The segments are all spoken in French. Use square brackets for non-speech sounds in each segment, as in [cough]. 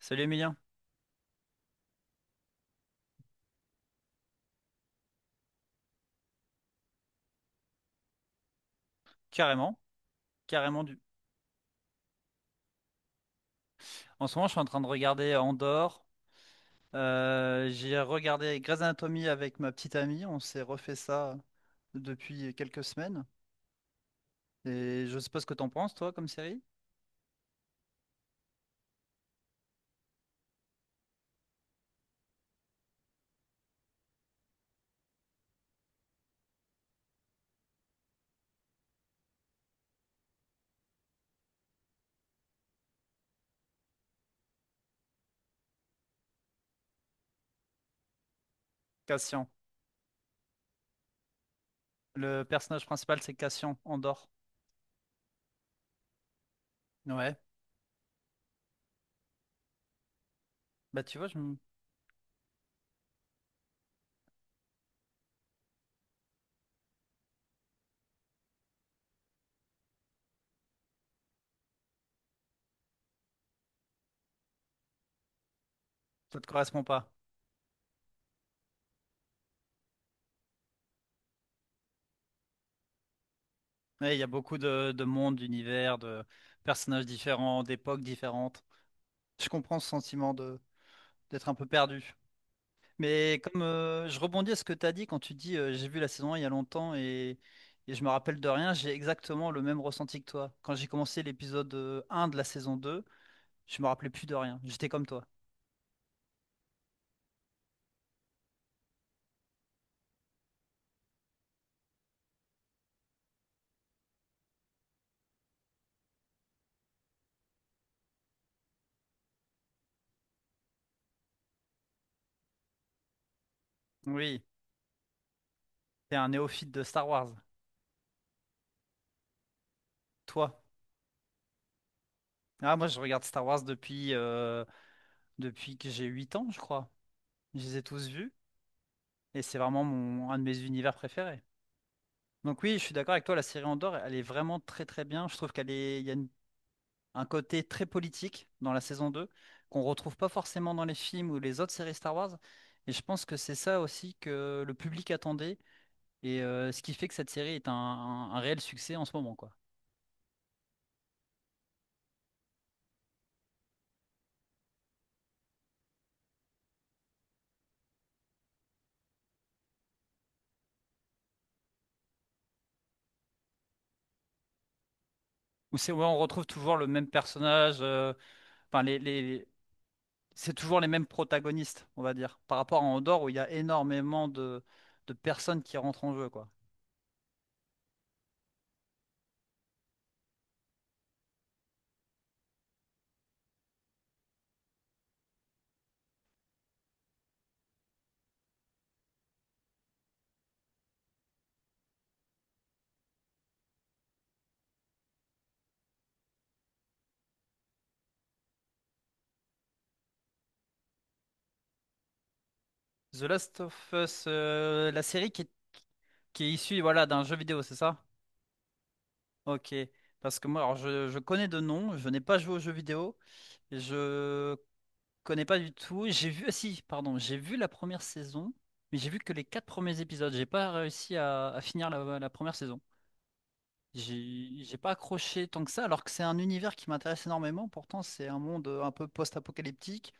Salut Emilien, carrément. Carrément du. En ce moment, je suis en train de regarder Andorre. J'ai regardé Grey's Anatomy avec ma petite amie. On s'est refait ça depuis quelques semaines. Et je sais pas ce que t'en penses, toi, comme série. Cassian. Le personnage principal, c'est Cassian, Andorre. Ouais. Bah tu vois. Ça te correspond pas. Ouais, il y a beaucoup de mondes, d'univers, de personnages différents, d'époques différentes. Je comprends ce sentiment de d'être un peu perdu. Mais comme je rebondis à ce que tu as dit quand tu dis j'ai vu la saison 1 il y a longtemps et je me rappelle de rien. J'ai exactement le même ressenti que toi. Quand j'ai commencé l'épisode 1 de la saison 2, je me rappelais plus de rien. J'étais comme toi. Oui, t'es un néophyte de Star Wars. Toi. Ah, moi je regarde Star Wars depuis, depuis que j'ai 8 ans, je crois. Je les ai tous vus et c'est vraiment mon, un de mes univers préférés. Donc oui, je suis d'accord avec toi, la série Andorre, elle est vraiment très très bien. Je trouve qu'elle est, il y a un côté très politique dans la saison 2 qu'on retrouve pas forcément dans les films ou les autres séries Star Wars. Et je pense que c'est ça aussi que le public attendait et ce qui fait que cette série est un réel succès en ce moment, quoi. Où c'est, ouais, on retrouve toujours le même personnage, enfin c'est toujours les mêmes protagonistes, on va dire, par rapport à Andorre où il y a énormément de personnes qui rentrent en jeu, quoi. The Last of Us, la série qui est issue voilà, d'un jeu vidéo, c'est ça? Ok. Parce que moi, alors je connais de nom, je n'ai pas joué aux jeux vidéo, je connais pas du tout. J'ai vu, ah si, pardon, j'ai vu la première saison, mais j'ai vu que les quatre premiers épisodes. J'ai pas réussi à finir la première saison. J'ai pas accroché tant que ça, alors que c'est un univers qui m'intéresse énormément. Pourtant, c'est un monde un peu post-apocalyptique.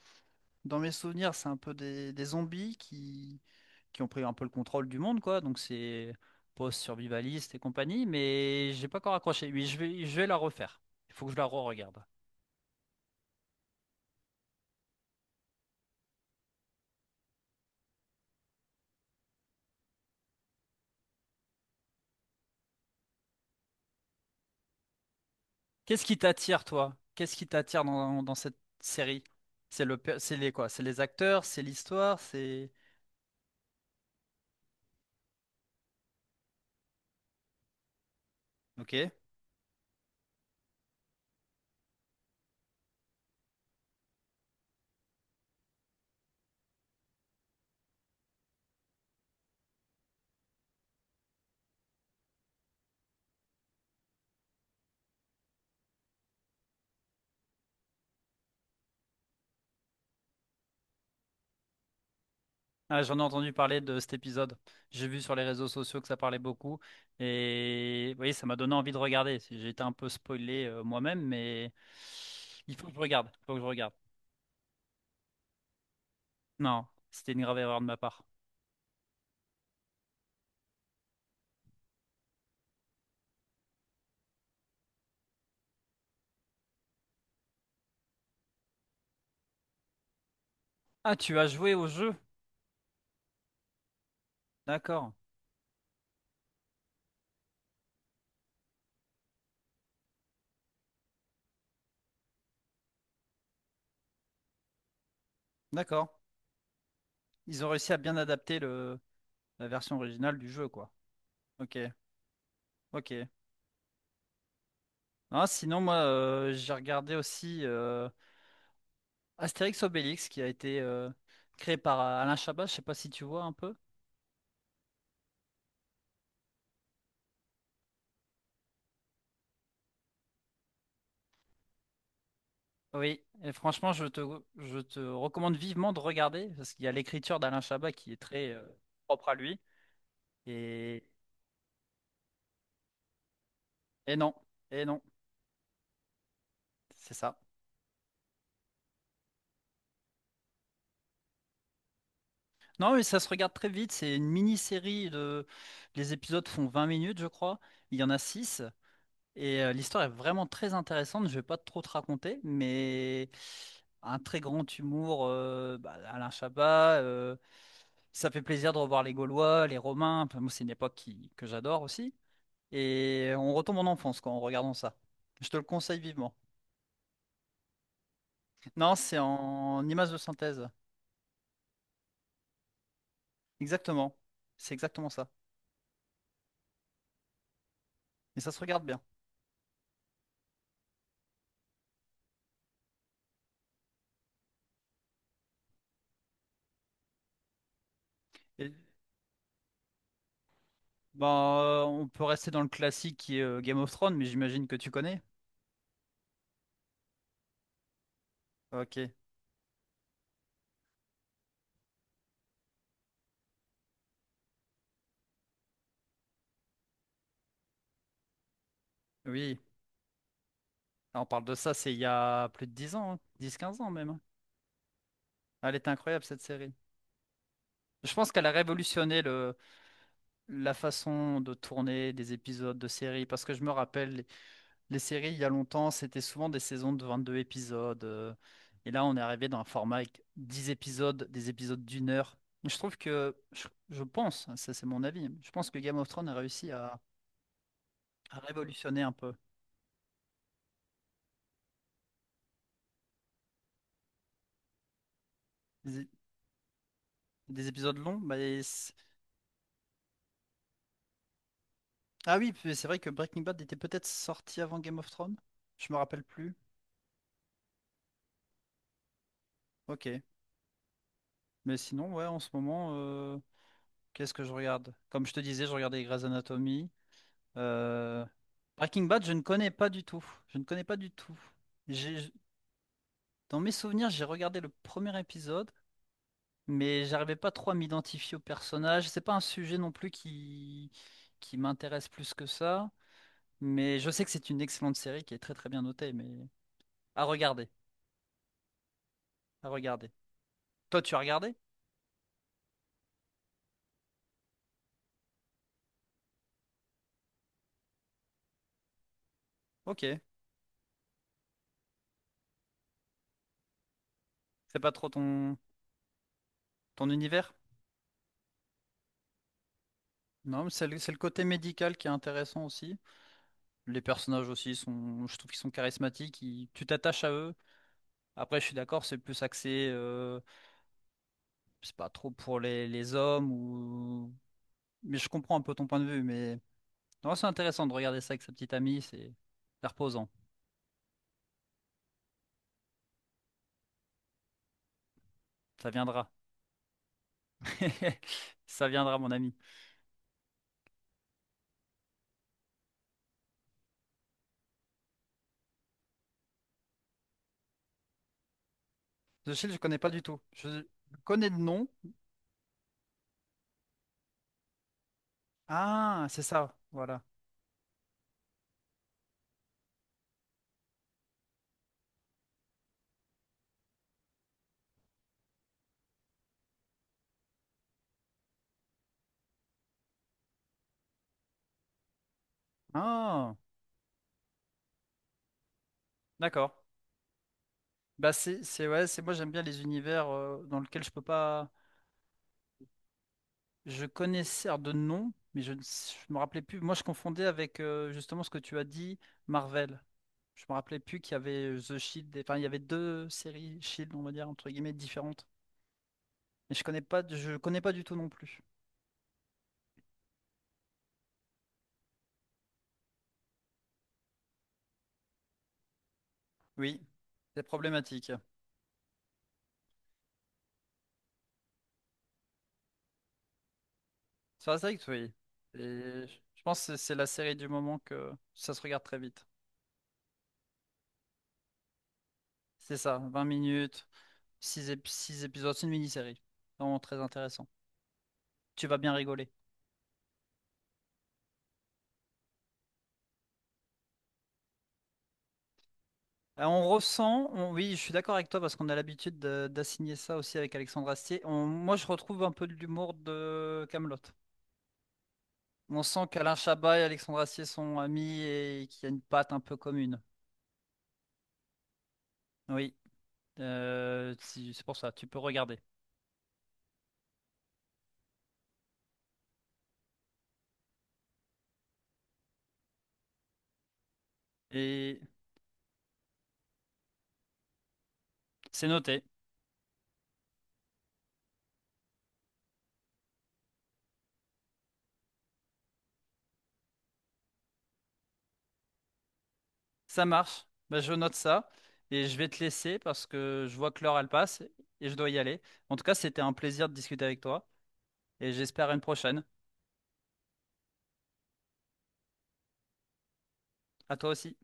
Dans mes souvenirs, c'est un peu des zombies qui ont pris un peu le contrôle du monde, quoi. Donc c'est post-survivaliste et compagnie, mais j'ai pas encore accroché. Oui, je vais la refaire. Il faut que je la re-regarde. Qu'est-ce qui t'attire, toi? Qu'est-ce qui t'attire dans cette série? C'est le, per- c'est les quoi? C'est les acteurs, c'est l'histoire, c'est... Ok. Ah, j'en ai entendu parler de cet épisode. J'ai vu sur les réseaux sociaux que ça parlait beaucoup. Et oui, ça m'a donné envie de regarder. J'ai été un peu spoilé moi-même, mais il faut que je regarde. Il faut que je regarde. Non, c'était une grave erreur de ma part. Ah, tu as joué au jeu. D'accord. D'accord. Ils ont réussi à bien adapter la version originale du jeu, quoi. Ok. Ok. Non, sinon, moi, j'ai regardé aussi Astérix Obélix qui a été créé par Alain Chabat. Je sais pas si tu vois un peu. Oui. Et franchement, je te recommande vivement de regarder parce qu'il y a l'écriture d'Alain Chabat qui est très propre à lui. Et, et non. Et non. C'est ça. Non, mais ça se regarde très vite. C'est une mini-série de... Les épisodes font 20 minutes, je crois. Il y en a six. Et l'histoire est vraiment très intéressante. Je vais pas trop te raconter, mais un très grand humour. Bah, Alain Chabat. Ça fait plaisir de revoir les Gaulois, les Romains. Enfin, moi, c'est une époque que j'adore aussi. Et on retombe en enfance quand en regardant ça. Je te le conseille vivement. Non, c'est en image de synthèse. Exactement. C'est exactement ça. Et ça se regarde bien. Ben, on peut rester dans le classique qui est Game of Thrones, mais j'imagine que tu connais. Ok, oui. On parle de ça, c'est il y a plus de 10 ans, hein. 10-15 ans même, hein. Elle est incroyable cette série. Je pense qu'elle a révolutionné la façon de tourner des épisodes de séries, parce que je me rappelle, les séries il y a longtemps, c'était souvent des saisons de 22 épisodes. Et là, on est arrivé dans un format avec 10 épisodes, des épisodes d'une heure. Je trouve que, je pense, hein, ça c'est mon avis, je pense que Game of Thrones a réussi à révolutionner un peu. Des, des épisodes longs? Bah, et c- Ah oui, puis c'est vrai que Breaking Bad était peut-être sorti avant Game of Thrones. Je me rappelle plus. Ok. Mais sinon, ouais, en ce moment, qu'est-ce que je regarde? Comme je te disais, je regardais Grey's Anatomy. euh, Breaking Bad, je ne connais pas du tout. Je ne connais pas du tout. J'ai... Dans mes souvenirs, j'ai regardé le premier épisode, mais j'arrivais pas trop à m'identifier au personnage. C'est pas un sujet non plus qui m'intéresse plus que ça. Mais je sais que c'est une excellente série qui est très très bien notée, mais. À regarder, à regarder. Toi, tu as regardé? Ok. C'est pas trop ton, ton univers? Non, mais c'est le côté médical qui est intéressant aussi. Les personnages aussi sont, je trouve qu'ils sont charismatiques, ils- tu t'attaches à eux. Après, je suis d'accord, c'est plus axé, c'est pas trop pour les hommes ou. Mais je comprends un peu ton point de vue, mais non, c'est intéressant de regarder ça avec sa petite amie, c'est reposant. Ça viendra. [laughs] Ça viendra, mon ami. The Shield, je connais pas du tout. Je connais de nom. Ah, c'est ça, voilà. Ah. D'accord. Bah c'est ouais, c'est moi j'aime bien les univers dans lesquels je peux pas je connaissais alors, de nom mais je ne s- je me rappelais plus. Moi je confondais avec justement ce que tu as dit Marvel. Je me rappelais plus qu'il y avait The Shield, et- enfin il y avait deux séries Shield on va dire entre guillemets différentes. Mais je connais pas du tout non plus. Oui, c'est problématique. Ça. C'est vrai que oui. Et je pense que c'est la série du moment que ça se regarde très vite. C'est ça. 20 minutes, six épisodes, c'est une mini-série. Vraiment très intéressant. Tu vas bien rigoler. On ressent, oui, je suis d'accord avec toi parce qu'on a l'habitude d'assigner ça aussi avec Alexandre Astier. Moi, je retrouve un peu de l'humour de Kaamelott. On sent qu'Alain Chabat et Alexandre Astier sont amis et qu'il y a une patte un peu commune. Oui, c'est pour ça, tu peux regarder. Et c'est noté, ça marche. Bah, je note ça et je vais te laisser parce que je vois que l'heure elle passe et je dois y aller. En tout cas, c'était un plaisir de discuter avec toi et j'espère à une prochaine. À toi aussi.